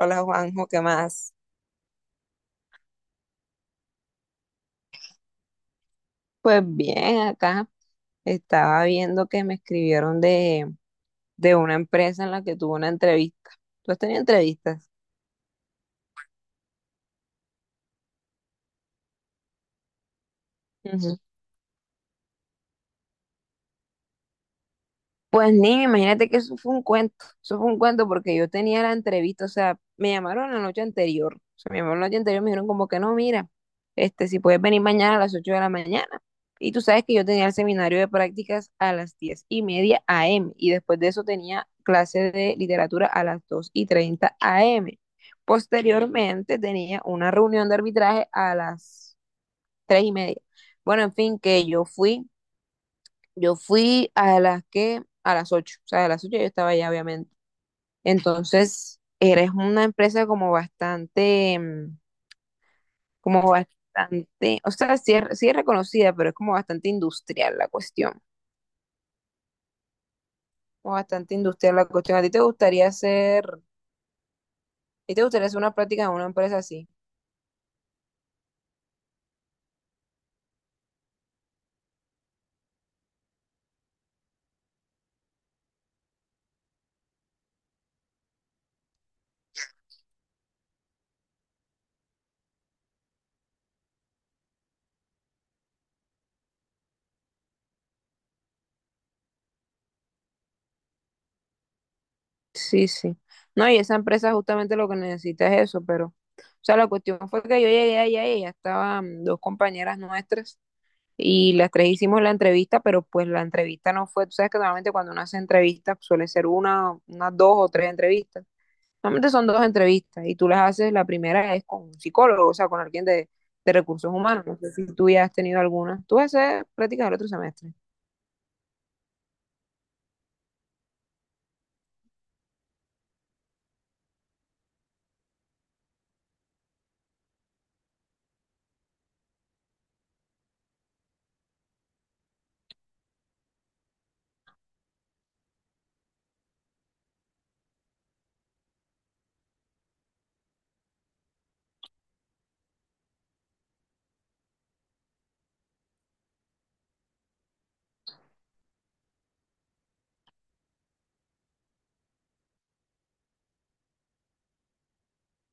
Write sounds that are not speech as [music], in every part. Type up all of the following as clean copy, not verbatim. Hola Juanjo, ¿qué más? Pues bien, acá estaba viendo que me escribieron de una empresa en la que tuve una entrevista. ¿Tú has tenido entrevistas? Pues niño, imagínate que eso fue un cuento, eso fue un cuento porque yo tenía la entrevista, o sea, me llamaron la noche anterior, me dijeron como que no, mira, si puedes venir mañana a las 8 de la mañana. Y tú sabes que yo tenía el seminario de prácticas a las 10:30 AM y después de eso tenía clase de literatura a las dos y 30 AM. Posteriormente tenía una reunión de arbitraje a las 3:30. Bueno, en fin, que yo fui. Yo fui a las 8, o sea, a las 8 yo estaba allá, obviamente. Entonces, eres una empresa como bastante, como bastante, o sea, sí es reconocida, pero es como bastante industrial la cuestión. Como bastante industrial la cuestión. A ti te gustaría hacer una práctica en una empresa así? Sí, sí. No, y esa empresa justamente lo que necesita es eso, pero, o sea, la cuestión fue que yo llegué allá y ya estaban dos compañeras nuestras y las tres hicimos la entrevista, pero pues la entrevista no fue, tú sabes que normalmente cuando uno hace entrevistas pues, suele ser unas dos o tres entrevistas. Normalmente son dos entrevistas y tú las haces, la primera es con un psicólogo, o sea, con alguien de recursos humanos. No sé si tú ya has tenido alguna. Tú vas a hacer prácticas el otro semestre.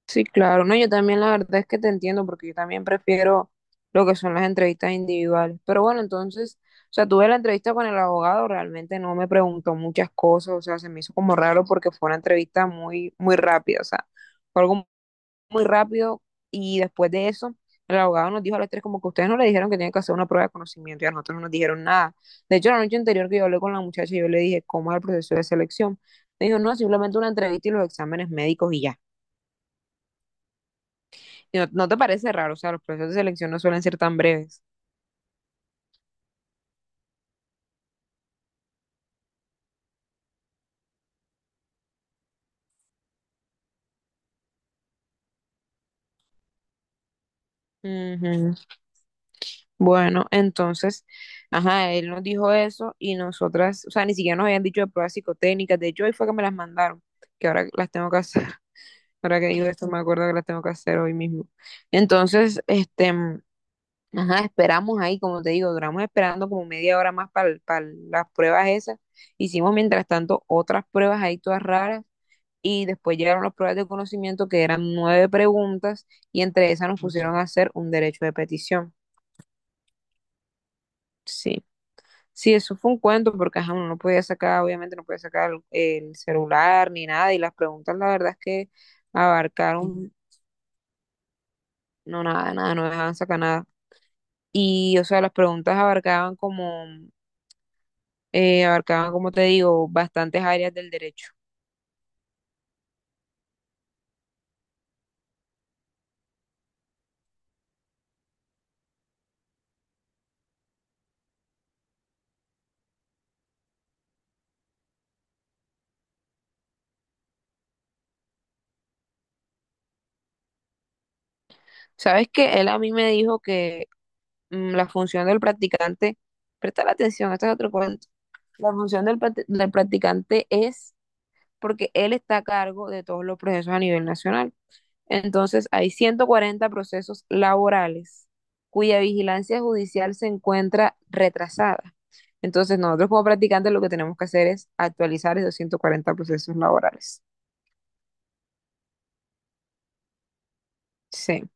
Sí, claro, no, yo también la verdad es que te entiendo porque yo también prefiero lo que son las entrevistas individuales. Pero bueno, entonces, o sea, tuve la entrevista con el abogado, realmente no me preguntó muchas cosas, o sea, se me hizo como raro porque fue una entrevista muy, muy rápida, o sea, fue algo muy rápido y después de eso, el abogado nos dijo a las tres como que ustedes no le dijeron que tienen que hacer una prueba de conocimiento y a nosotros no nos dijeron nada. De hecho, la noche anterior que yo hablé con la muchacha, yo le dije, ¿cómo es el proceso de selección? Me dijo, no, simplemente una entrevista y los exámenes médicos y ya. ¿No, no te parece raro? O sea, los procesos de selección no suelen ser tan breves. Ujú. Bueno, entonces, ajá, él nos dijo eso y nosotras, o sea, ni siquiera nos habían dicho de pruebas psicotécnicas. De hecho, hoy fue que me las mandaron, que ahora las tengo que hacer. [laughs] Ahora que digo esto, me acuerdo que las tengo que hacer hoy mismo. Entonces, ajá, esperamos ahí, como te digo, duramos esperando como media hora más para las pruebas esas. Hicimos mientras tanto otras pruebas ahí todas raras y después llegaron las pruebas de conocimiento que eran nueve preguntas y entre esas nos pusieron a hacer un derecho de petición. Sí, sí, eso fue un cuento porque ajá, uno no podía sacar, obviamente no podía sacar el celular ni nada y las preguntas la verdad es que abarcaron, no nada, nada, no dejaban sacar nada. Y o sea, las preguntas abarcaban como te digo, bastantes áreas del derecho. ¿Sabes que él a mí me dijo que la función del practicante, presta la atención, este es otro cuento? La función del del practicante es porque él está a cargo de todos los procesos a nivel nacional. Entonces, hay 140 procesos laborales cuya vigilancia judicial se encuentra retrasada. Entonces, nosotros como practicantes lo que tenemos que hacer es actualizar esos 140 procesos laborales. Sí.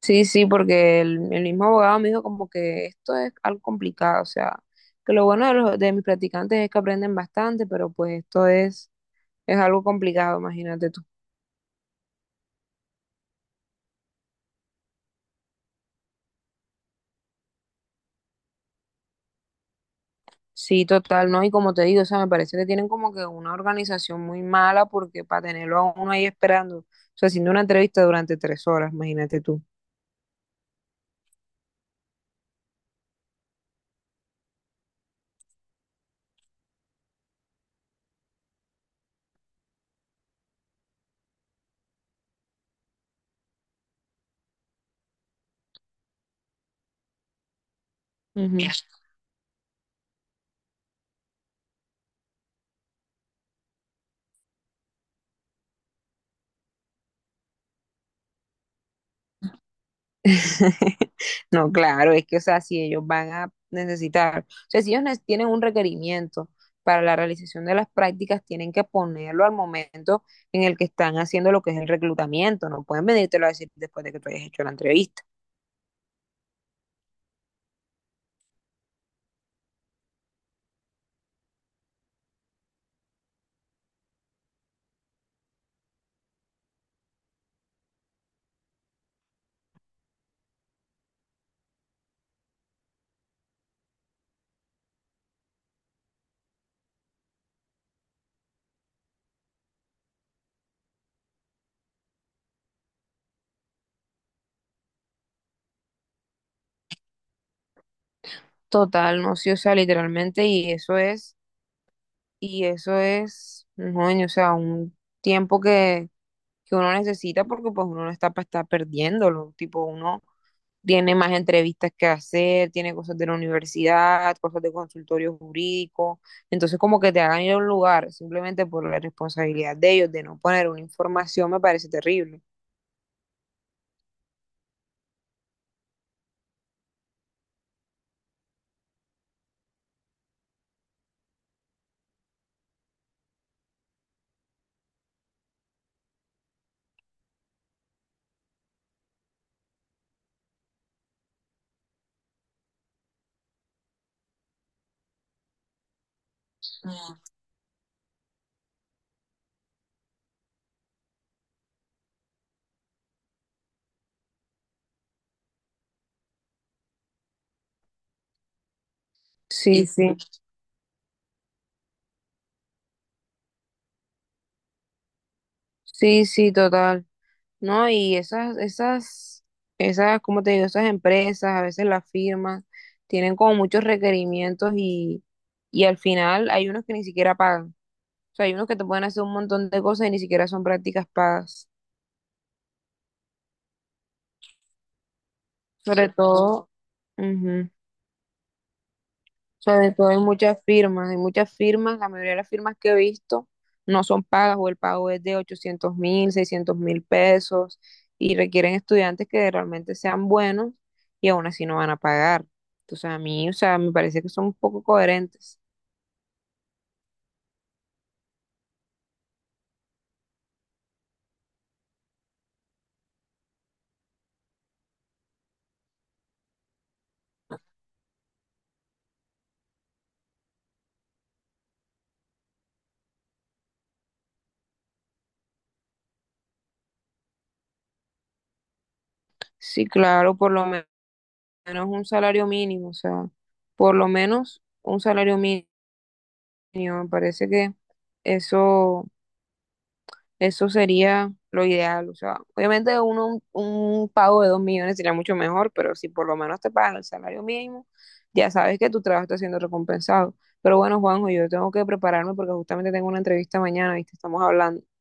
Sí, sí, porque el mismo abogado me dijo como que esto es algo complicado, o sea, que lo bueno de mis practicantes es que aprenden bastante, pero pues esto es algo complicado, imagínate tú. Sí, total, ¿no? Y como te digo, o sea, me parece que tienen como que una organización muy mala porque para tenerlo a uno ahí esperando, o sea, haciendo una entrevista durante 3 horas, imagínate tú. Ujú. [laughs] No, claro, es que, o sea, si ellos van a necesitar, o sea, si ellos tienen un requerimiento para la realización de las prácticas, tienen que ponerlo al momento en el que están haciendo lo que es el reclutamiento, no pueden venírtelo a decir después de que tú hayas hecho la entrevista. Total, no, sí, o sea, literalmente, y eso es. Y eso es, coño, o sea, un tiempo que uno necesita porque pues uno no está para estar perdiéndolo. Tipo, uno tiene más entrevistas que hacer, tiene cosas de la universidad, cosas de consultorio jurídico. Entonces, como que te hagan ir a un lugar simplemente por la responsabilidad de ellos de no poner una información me parece terrible. Sí, sí. Sí, sí, total. No, y esas, ¿cómo te digo? Esas empresas, a veces las firmas, tienen como muchos requerimientos y al final hay unos que ni siquiera pagan. O sea, hay unos que te pueden hacer un montón de cosas y ni siquiera son prácticas pagas. Sobre todo, ujú, sobre todo hay muchas firmas, la mayoría de las firmas que he visto no son pagas o el pago es de 800.000, 600.000 pesos y requieren estudiantes que realmente sean buenos y aún así no van a pagar. Entonces a mí, o sea, me parece que son un poco coherentes. Sí, claro, menos un salario mínimo, o sea, por lo menos un salario mínimo, me parece que eso Eso sería lo ideal. O sea, obviamente uno, un pago de 2 millones sería mucho mejor, pero si por lo menos te pagan el salario mínimo, ya sabes que tu trabajo está siendo recompensado. Pero bueno, Juanjo, yo tengo que prepararme porque justamente tengo una entrevista mañana, ¿viste? Estamos hablando.